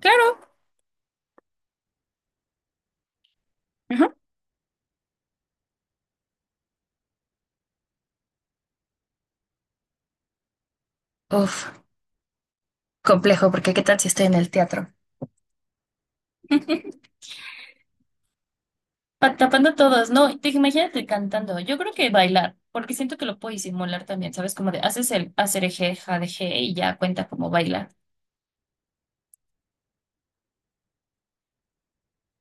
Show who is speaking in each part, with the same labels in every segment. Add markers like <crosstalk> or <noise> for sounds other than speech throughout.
Speaker 1: Claro. Ajá. Uf, Complejo, porque ¿qué tal si estoy en el teatro? <laughs> Tapando todos, no, te, imagínate cantando. Yo creo que bailar, porque siento que lo puedo disimular también, ¿sabes? Como de haces el hacer eje, jadeje y ya cuenta como bailar.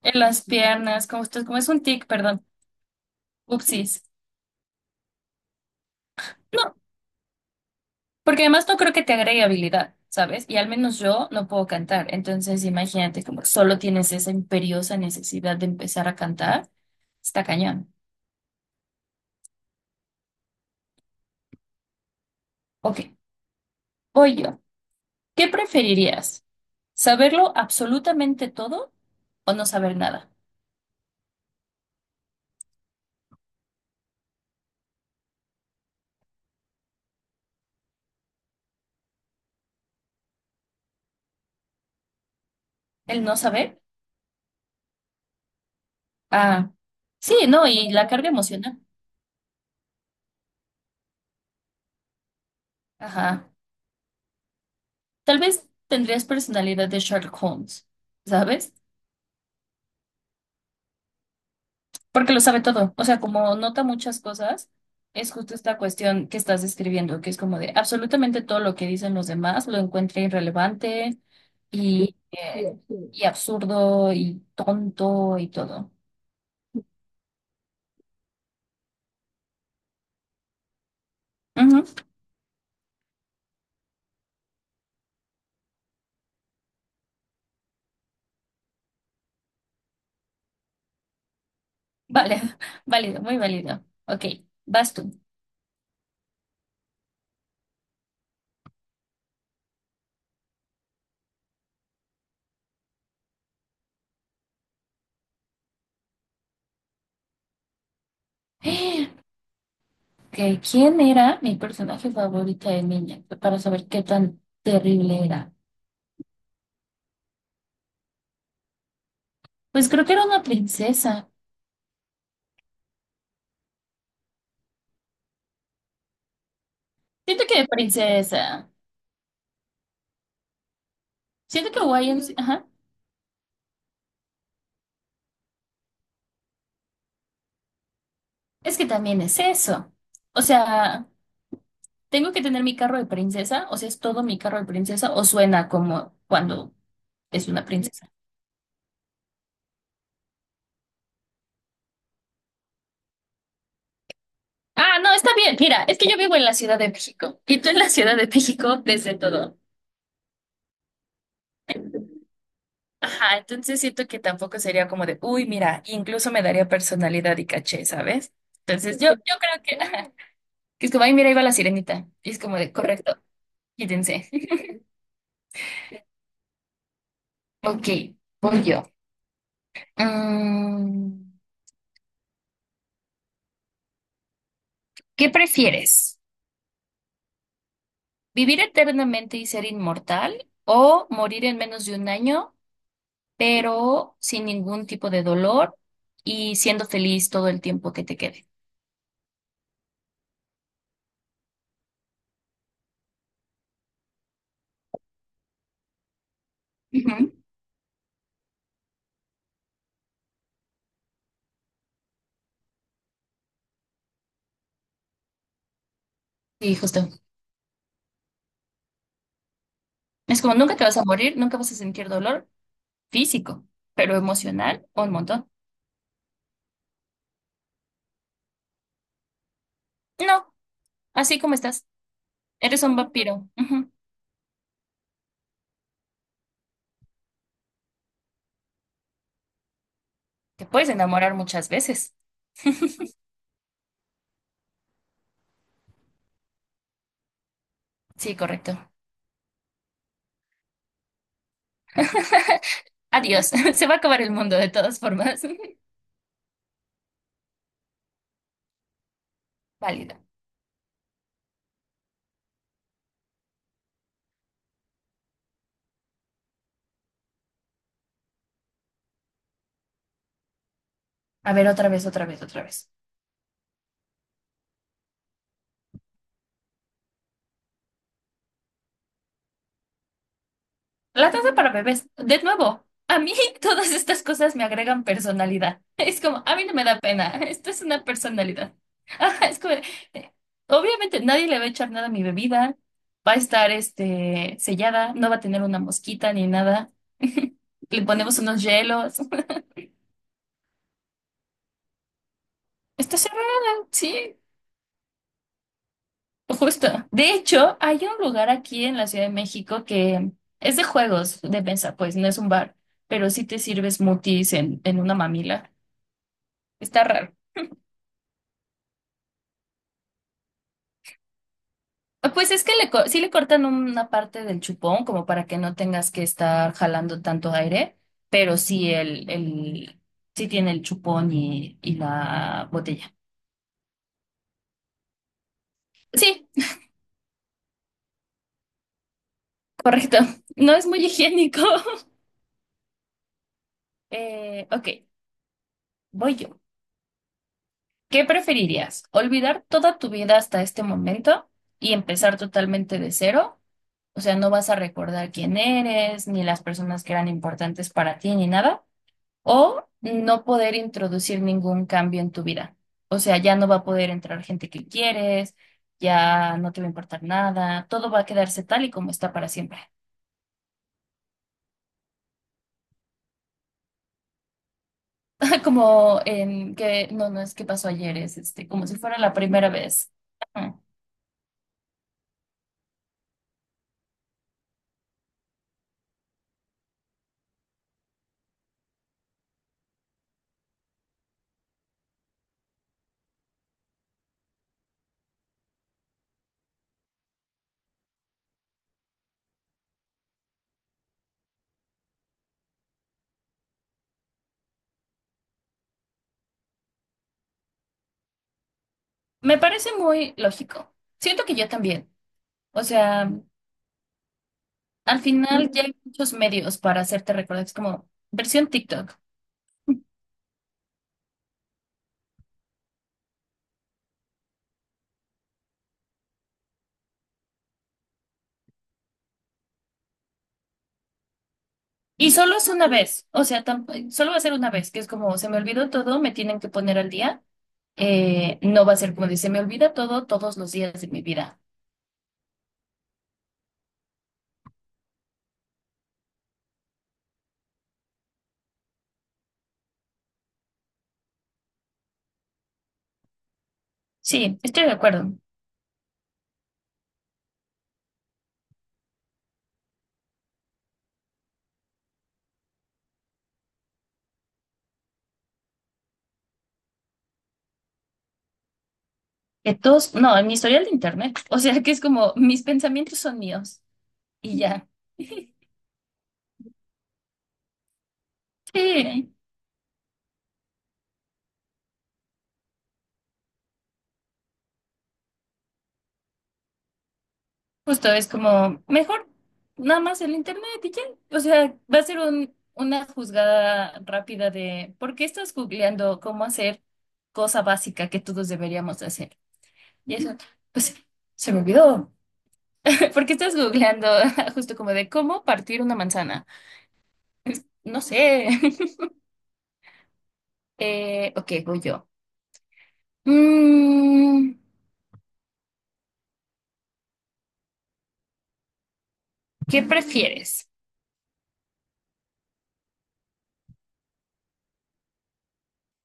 Speaker 1: En las piernas, como esto, como es un tic, perdón. Upsis. No, porque además no creo que te agregue habilidad, ¿sabes? Y al menos yo no puedo cantar. Entonces, imagínate como solo tienes esa imperiosa necesidad de empezar a cantar. Está cañón. Ok, voy yo. ¿Qué preferirías? ¿Saberlo absolutamente todo o no saber nada? El no saber. Ah, sí, no, y la carga emocional. Ajá. Tal vez tendrías personalidad de Sherlock Holmes, ¿sabes? Porque lo sabe todo. O sea, como nota muchas cosas, es justo esta cuestión que estás describiendo, que es como de absolutamente todo lo que dicen los demás lo encuentra irrelevante y, eh, y absurdo y tonto y todo. Ujú. Vale, <laughs> válido, muy válido. Ok, vas tú. Ok, ¿quién era mi personaje favorita de niña? Para saber qué tan terrible era. Pues creo que era una princesa. Siento que princesa. Siento que Hawaiian... Ajá. Es que también es eso. O sea, tengo que tener mi carro de princesa. O sea, es todo mi carro de princesa. O suena como cuando es una princesa. Ah, no, está bien. Mira, es que yo vivo en la Ciudad de México. Y tú en la Ciudad de México desde todo. Ajá, entonces siento que tampoco sería como de, uy, mira, incluso me daría personalidad y caché, ¿sabes? Entonces yo creo que, ajá, que es como, ay, mira, ahí va la sirenita. Y es como de, correcto, quítense. <laughs> Ok, voy yo. Mm, ¿qué prefieres? ¿Vivir eternamente y ser inmortal o morir en menos de un año, pero sin ningún tipo de dolor y siendo feliz todo el tiempo que te quede? Ujú. Sí, justo. Es como, nunca te vas a morir, nunca vas a sentir dolor físico, pero emocional, un montón. No, así como estás. Eres un vampiro. Ujú. Te puedes enamorar muchas veces. Sí, correcto. Adiós. <laughs> Se va a acabar el mundo de todas formas. <laughs> Válido. A ver, otra vez, otra vez, otra vez. La taza para bebés, de nuevo, a mí <laughs> todas estas cosas me agregan personalidad. Es como, a mí no me da pena, esto es una personalidad. <laughs> Ajá, es como, obviamente nadie le va a echar nada a mi bebida, va a estar este, sellada, no va a tener una mosquita ni nada. <laughs> Le ponemos unos hielos. <laughs> Está cerrada, sí, justo. De hecho, hay un lugar aquí en la Ciudad de México que es de juegos de mesa, pues no es un bar, pero sí te sirves smoothies en una mamila. Está raro. Ah, pues es que le, sí le cortan una parte del chupón como para que no tengas que estar jalando tanto aire, pero sí el sí tiene el chupón y la botella. Sí, correcto. <laughs> No es muy higiénico. <laughs> Ok, voy yo. ¿Qué preferirías? ¿Olvidar toda tu vida hasta este momento y empezar totalmente de cero? O sea, no vas a recordar quién eres, ni las personas que eran importantes para ti, ni nada. ¿O no poder introducir ningún cambio en tu vida? O sea, ya no va a poder entrar gente que quieres, ya no te va a importar nada, todo va a quedarse tal y como está para siempre. <laughs> Como en que, no, no es que pasó ayer, es este, como si fuera la primera vez. Ajá. Me parece muy lógico. Siento que yo también. O sea, al final ya hay muchos medios para hacerte recordar. Es como versión TikTok. Y solo es una vez. O sea, solo va a ser una vez, que es como se me olvidó todo, me tienen que poner al día. No va a ser como dice, me olvida todo todos los días de mi vida. Sí, estoy de acuerdo. Que todos, no, en mi historial de internet. <laughs> O sea, que es como, mis pensamientos son míos y ya. <laughs> Sí, justo es como, mejor nada más el internet y ya. O sea, va a ser un, una juzgada rápida de, ¿por qué estás googleando cómo hacer cosa básica que todos deberíamos de hacer? Y eso, pues, se me olvidó. <laughs> ¿Por qué estás googleando <laughs> justo como de cómo partir una manzana? No sé. <laughs> Ok, voy yo. Mm, ¿qué prefieres?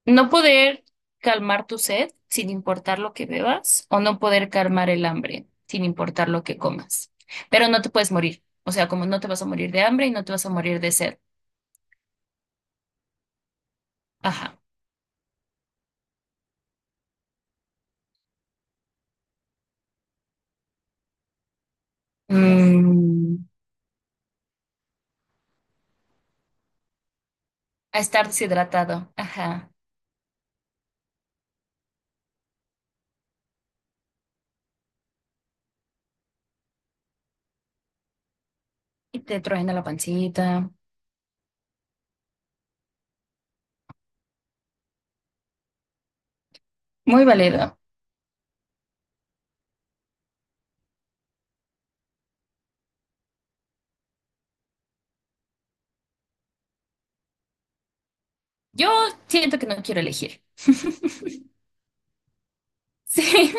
Speaker 1: ¿No poder calmar tu sed sin importar lo que bebas o no poder calmar el hambre sin importar lo que comas? Pero no te puedes morir. O sea, como no te vas a morir de hambre y no te vas a morir de sed. Ajá. Mm, a estar deshidratado. Ajá. Y te truena la pancita. Muy válido. Yo siento que no quiero elegir. <laughs> Sí.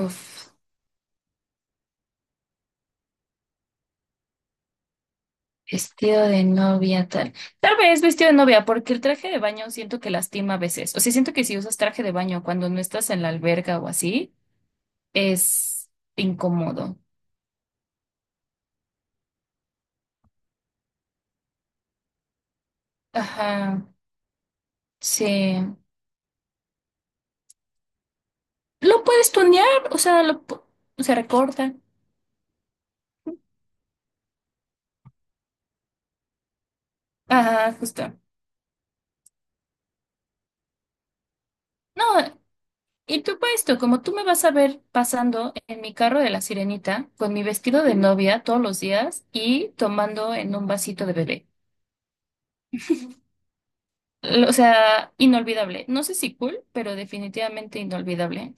Speaker 1: Uf. Vestido de novia, tal. Tal vez vestido de novia, porque el traje de baño siento que lastima a veces. O sea, siento que si usas traje de baño cuando no estás en la alberga o así, es incómodo. Ajá, sí. Lo puedes tunear, o sea, se recorta. Ajá, justo. No, y tú para esto, como tú me vas a ver pasando en mi carro de la sirenita, con mi vestido de novia todos los días y tomando en un vasito de bebé. O sea, inolvidable. No sé si cool, pero definitivamente inolvidable.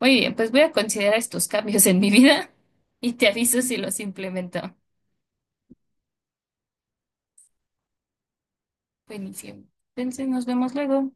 Speaker 1: Muy bien, pues voy a considerar estos cambios en mi vida <laughs> y te aviso si los implemento. Buenísimo. Entonces nos vemos luego.